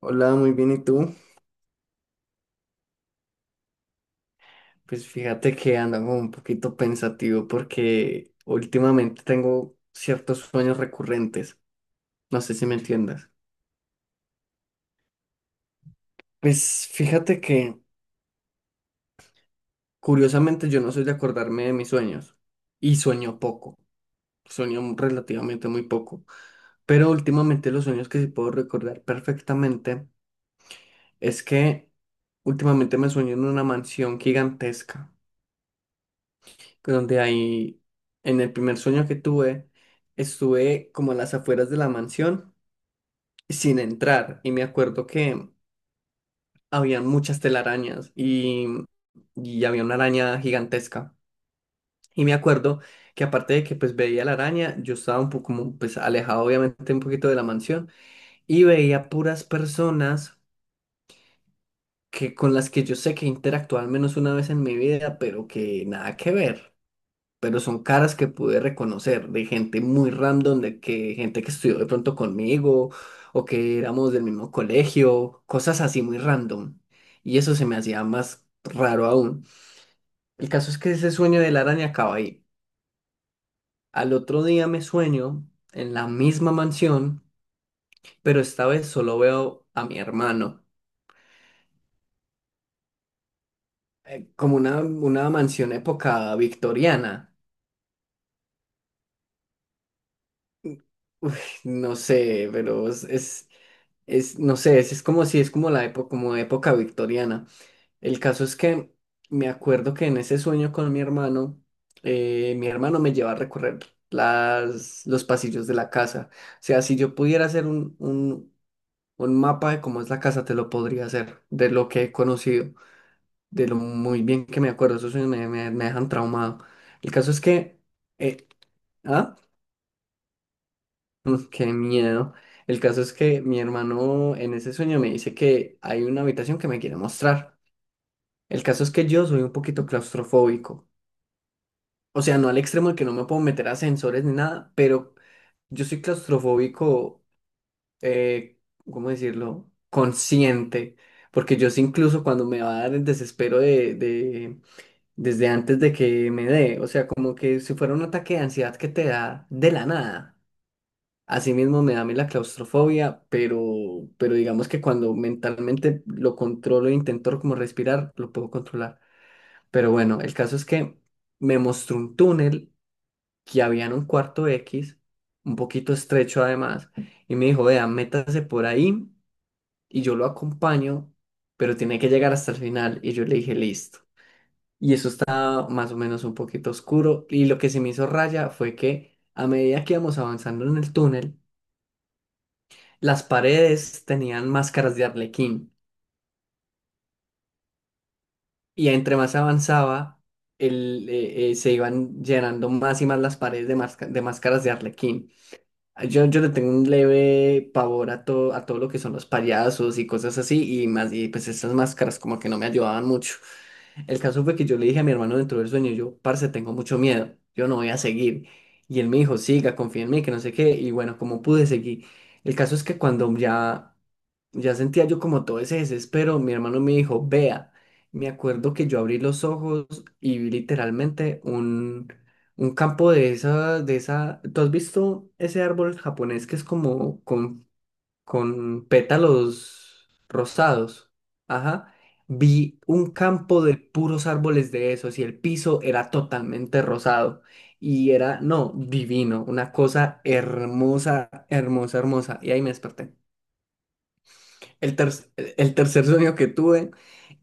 Hola, muy bien, ¿y tú? Pues fíjate que ando como un poquito pensativo porque últimamente tengo ciertos sueños recurrentes. No sé si me entiendas. Pues fíjate que curiosamente yo no soy de acordarme de mis sueños y sueño poco, sueño relativamente muy poco. Pero últimamente los sueños que sí puedo recordar perfectamente es que últimamente me sueño en una mansión gigantesca. Que donde ahí, en el primer sueño que tuve, estuve como a las afueras de la mansión sin entrar y me acuerdo que había muchas telarañas y había una araña gigantesca. Y me acuerdo que aparte de que pues veía la araña, yo estaba un poco como pues alejado obviamente un poquito de la mansión y veía puras personas que con las que yo sé que interactué al menos una vez en mi vida, pero que nada que ver. Pero son caras que pude reconocer de gente muy random, de que gente que estudió de pronto conmigo o que éramos del mismo colegio, cosas así muy random. Y eso se me hacía más raro aún. El caso es que ese sueño de la araña acaba ahí. Al otro día me sueño en la misma mansión, pero esta vez solo veo a mi hermano, como una mansión época victoriana. Uf, no sé, pero es, es, No sé, es como si es como la época, como época victoriana. El caso es que me acuerdo que en ese sueño con mi hermano me lleva a recorrer las, los pasillos de la casa. O sea, si yo pudiera hacer un mapa de cómo es la casa, te lo podría hacer, de lo que he conocido, de lo muy bien que me acuerdo. Esos sueños me dejan traumado. El caso es que... eh, ¿ah? Mm, qué miedo. El caso es que mi hermano en ese sueño me dice que hay una habitación que me quiere mostrar. El caso es que yo soy un poquito claustrofóbico. O sea, no al extremo de que no me puedo meter a ascensores ni nada, pero yo soy claustrofóbico, eh, ¿cómo decirlo? Consciente. Porque yo sí incluso cuando me va a dar el desespero desde antes de que me dé, o sea, como que si fuera un ataque de ansiedad que te da de la nada. Asimismo me da a mí la claustrofobia, pero digamos que cuando mentalmente lo controlo e intento como respirar, lo puedo controlar. Pero bueno, el caso es que me mostró un túnel que había en un cuarto X, un poquito estrecho además, y me dijo, vea, métase por ahí y yo lo acompaño, pero tiene que llegar hasta el final. Y yo le dije, listo. Y eso estaba más o menos un poquito oscuro. Y lo que se me hizo raya fue que a medida que íbamos avanzando en el túnel, las paredes tenían máscaras de arlequín y entre más avanzaba, se iban llenando más y más las paredes de máscaras de arlequín. Yo le tengo un leve pavor a todo lo que son los payasos y cosas así, y más, y pues esas máscaras como que no me ayudaban mucho. El caso fue que yo le dije a mi hermano dentro del sueño, yo, parce, tengo mucho miedo, yo no voy a seguir. Y él me dijo, siga, confía en mí, que no sé qué, y bueno, como pude seguir. El caso es que cuando ya, ya sentía yo como todo ese desespero, mi hermano me dijo, vea, me acuerdo que yo abrí los ojos y vi literalmente un campo de esa, de esa. ¿Tú has visto ese árbol japonés que es como con pétalos rosados? Ajá. Vi un campo de puros árboles de esos y el piso era totalmente rosado. Y era, no, divino, una cosa hermosa, hermosa, hermosa. Y ahí me desperté. El, ter- el tercer sueño que tuve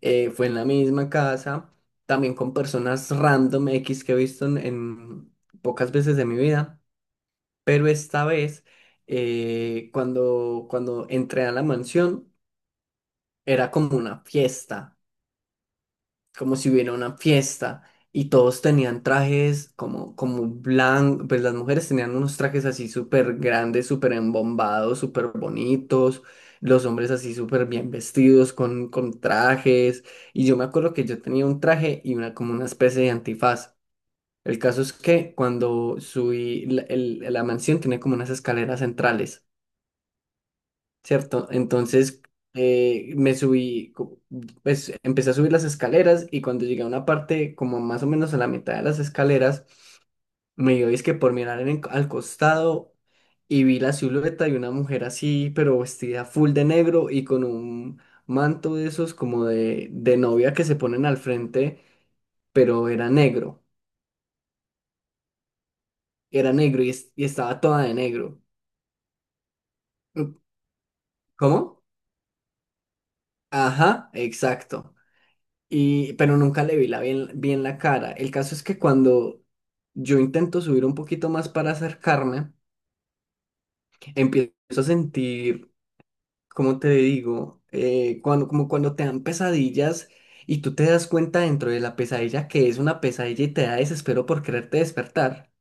fue en la misma casa, también con personas random X que he visto en pocas veces de mi vida, pero esta vez cuando entré a la mansión era como una fiesta como si hubiera una fiesta y todos tenían trajes como, como blanco, pues las mujeres tenían unos trajes así súper grandes, súper embombados, súper bonitos, los hombres así súper bien vestidos con trajes y yo me acuerdo que yo tenía un traje y una como una especie de antifaz. El caso es que cuando subí, la mansión tiene como unas escaleras centrales. ¿Cierto? Entonces eh, me subí, co- pues empecé a subir las escaleras y cuando llegué a una parte como más o menos a la mitad de las escaleras, me dio es que por mirar al costado y vi la silueta de una mujer así, pero vestida full de negro y con un manto de esos como de novia que se ponen al frente, pero era negro y estaba toda de negro. ¿Cómo? Ajá, exacto. Y, pero nunca le vi la bien, bien la cara. El caso es que cuando yo intento subir un poquito más para acercarme, empiezo a sentir, como te digo, eh, cuando, como cuando te dan pesadillas y tú te das cuenta dentro de la pesadilla que es una pesadilla y te da desespero por quererte despertar.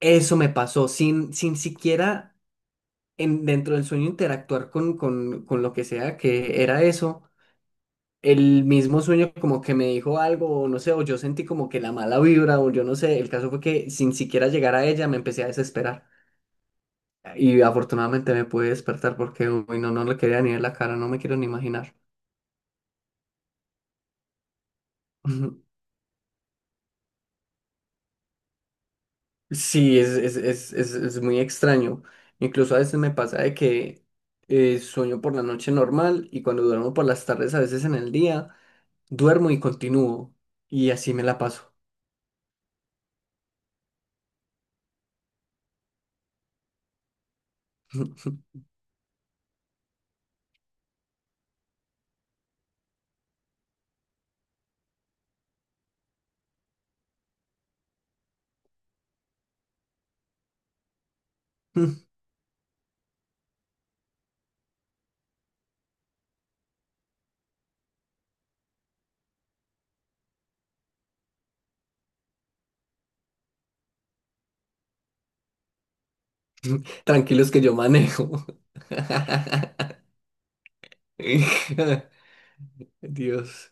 Eso me pasó sin, sin siquiera dentro del sueño interactuar con lo que sea que era eso. El mismo sueño como que me dijo algo, o no sé, o yo sentí como que la mala vibra, o yo no sé, el caso fue que sin siquiera llegar a ella me empecé a desesperar. Y afortunadamente me pude despertar porque, uy, no, no le quería ni ver la cara, no me quiero ni imaginar. Ujú. Sí, es muy extraño. Incluso a veces me pasa de que sueño por la noche normal y cuando duermo por las tardes, a veces en el día, duermo y continúo. Y así me la paso. Tranquilos que yo manejo. Dios.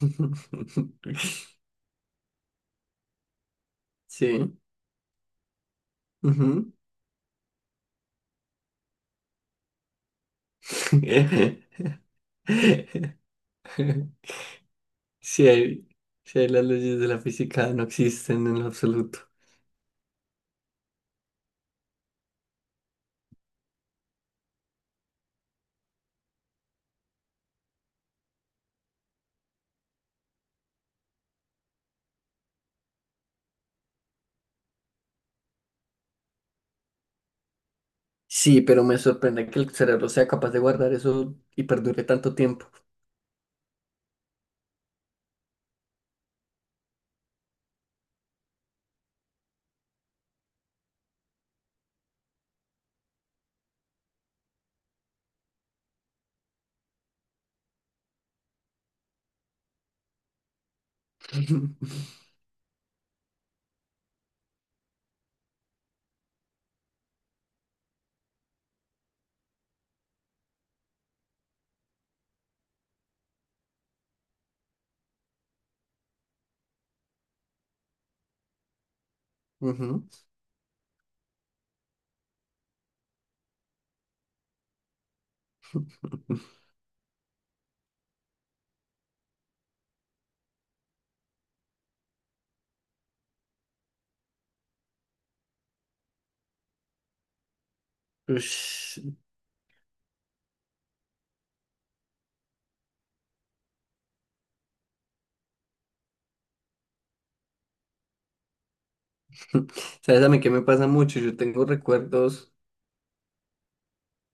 Sí. Ujú. Sí hay, sí hay las leyes de la física no existen en lo absoluto. Sí, pero me sorprende que el cerebro sea capaz de guardar eso y perdure tanto tiempo. Ujú. Ush. ¿Sabes a mí qué me pasa mucho? Yo tengo recuerdos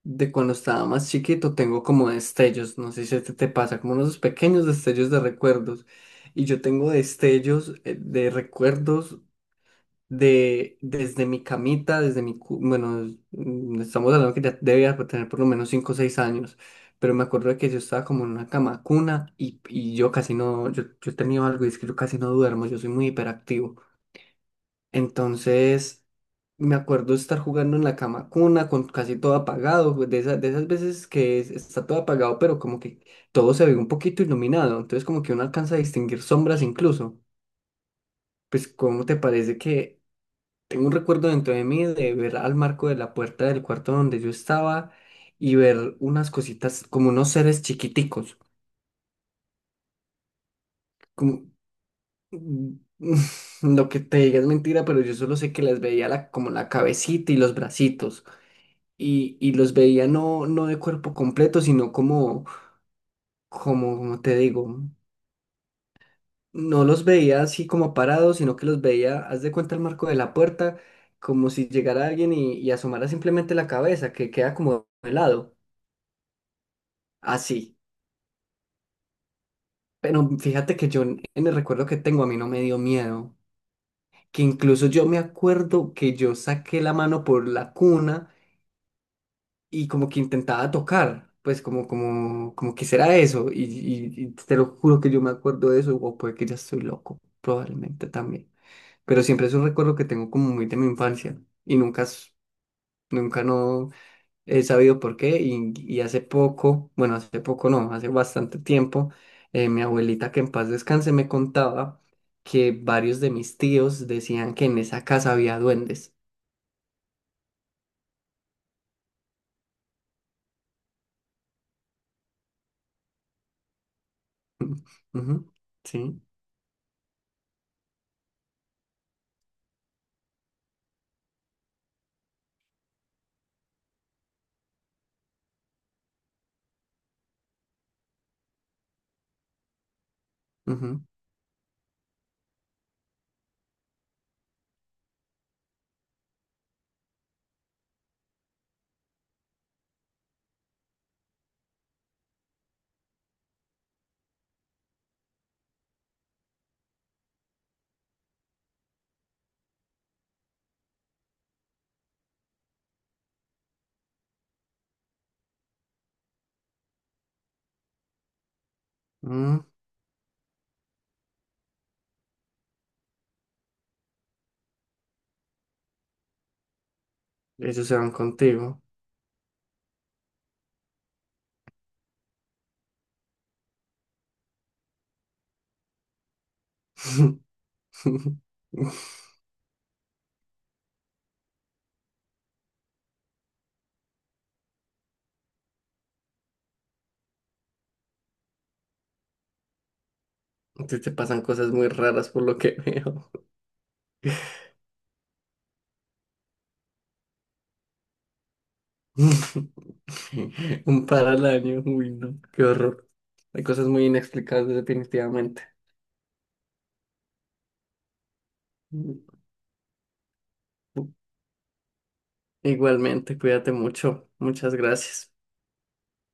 de cuando estaba más chiquito, tengo como destellos, no sé si a ti te pasa, como unos pequeños destellos de recuerdos. Y yo tengo destellos de recuerdos de desde mi camita, desde mi, cu- bueno, es- mm, estamos hablando que ya debía tener por lo menos 5 o 6 años, pero me acuerdo de que yo estaba como en una cama cuna y yo casi no, yo he tenido algo y es que yo casi no duermo, yo soy muy hiperactivo. Entonces, me acuerdo estar jugando en la cama con una, con casi todo apagado, pues, de esas veces que está todo apagado, pero como que todo se ve un poquito iluminado, entonces como que uno alcanza a distinguir sombras incluso. Pues, ¿cómo te parece que tengo un recuerdo dentro de mí de ver al marco de la puerta del cuarto donde yo estaba y ver unas cositas como unos seres chiquiticos, como... Mm, lo que te diga es mentira, pero yo solo sé que les veía la, como la cabecita y los bracitos. Y los veía no, no de cuerpo completo, sino como, como, como te digo, no los veía así como parados, sino que los veía, haz de cuenta el marco de la puerta, como si llegara alguien y asomara simplemente la cabeza, que queda como de lado, así. Pero fíjate que yo en el recuerdo que tengo a mí no me dio miedo, que incluso yo me acuerdo que yo saqué la mano por la cuna y como que intentaba tocar, pues como, como, como que será eso, y te lo juro que yo me acuerdo de eso, o puede que ya estoy loco, probablemente también, pero siempre es un recuerdo que tengo como muy de mi infancia, y nunca, s- nunca no he sabido por qué, y hace poco, bueno, hace poco no, hace bastante tiempo, mi abuelita que en paz descanse me contaba que varios de mis tíos decían que en esa casa había duendes. Ujú. Sí, ujú, mm, ellos se van contigo. Te pasan cosas muy raras por lo que veo. Un par al año, uy, no, qué horror. Hay cosas muy inexplicables definitivamente. Igualmente, cuídate mucho. Muchas gracias.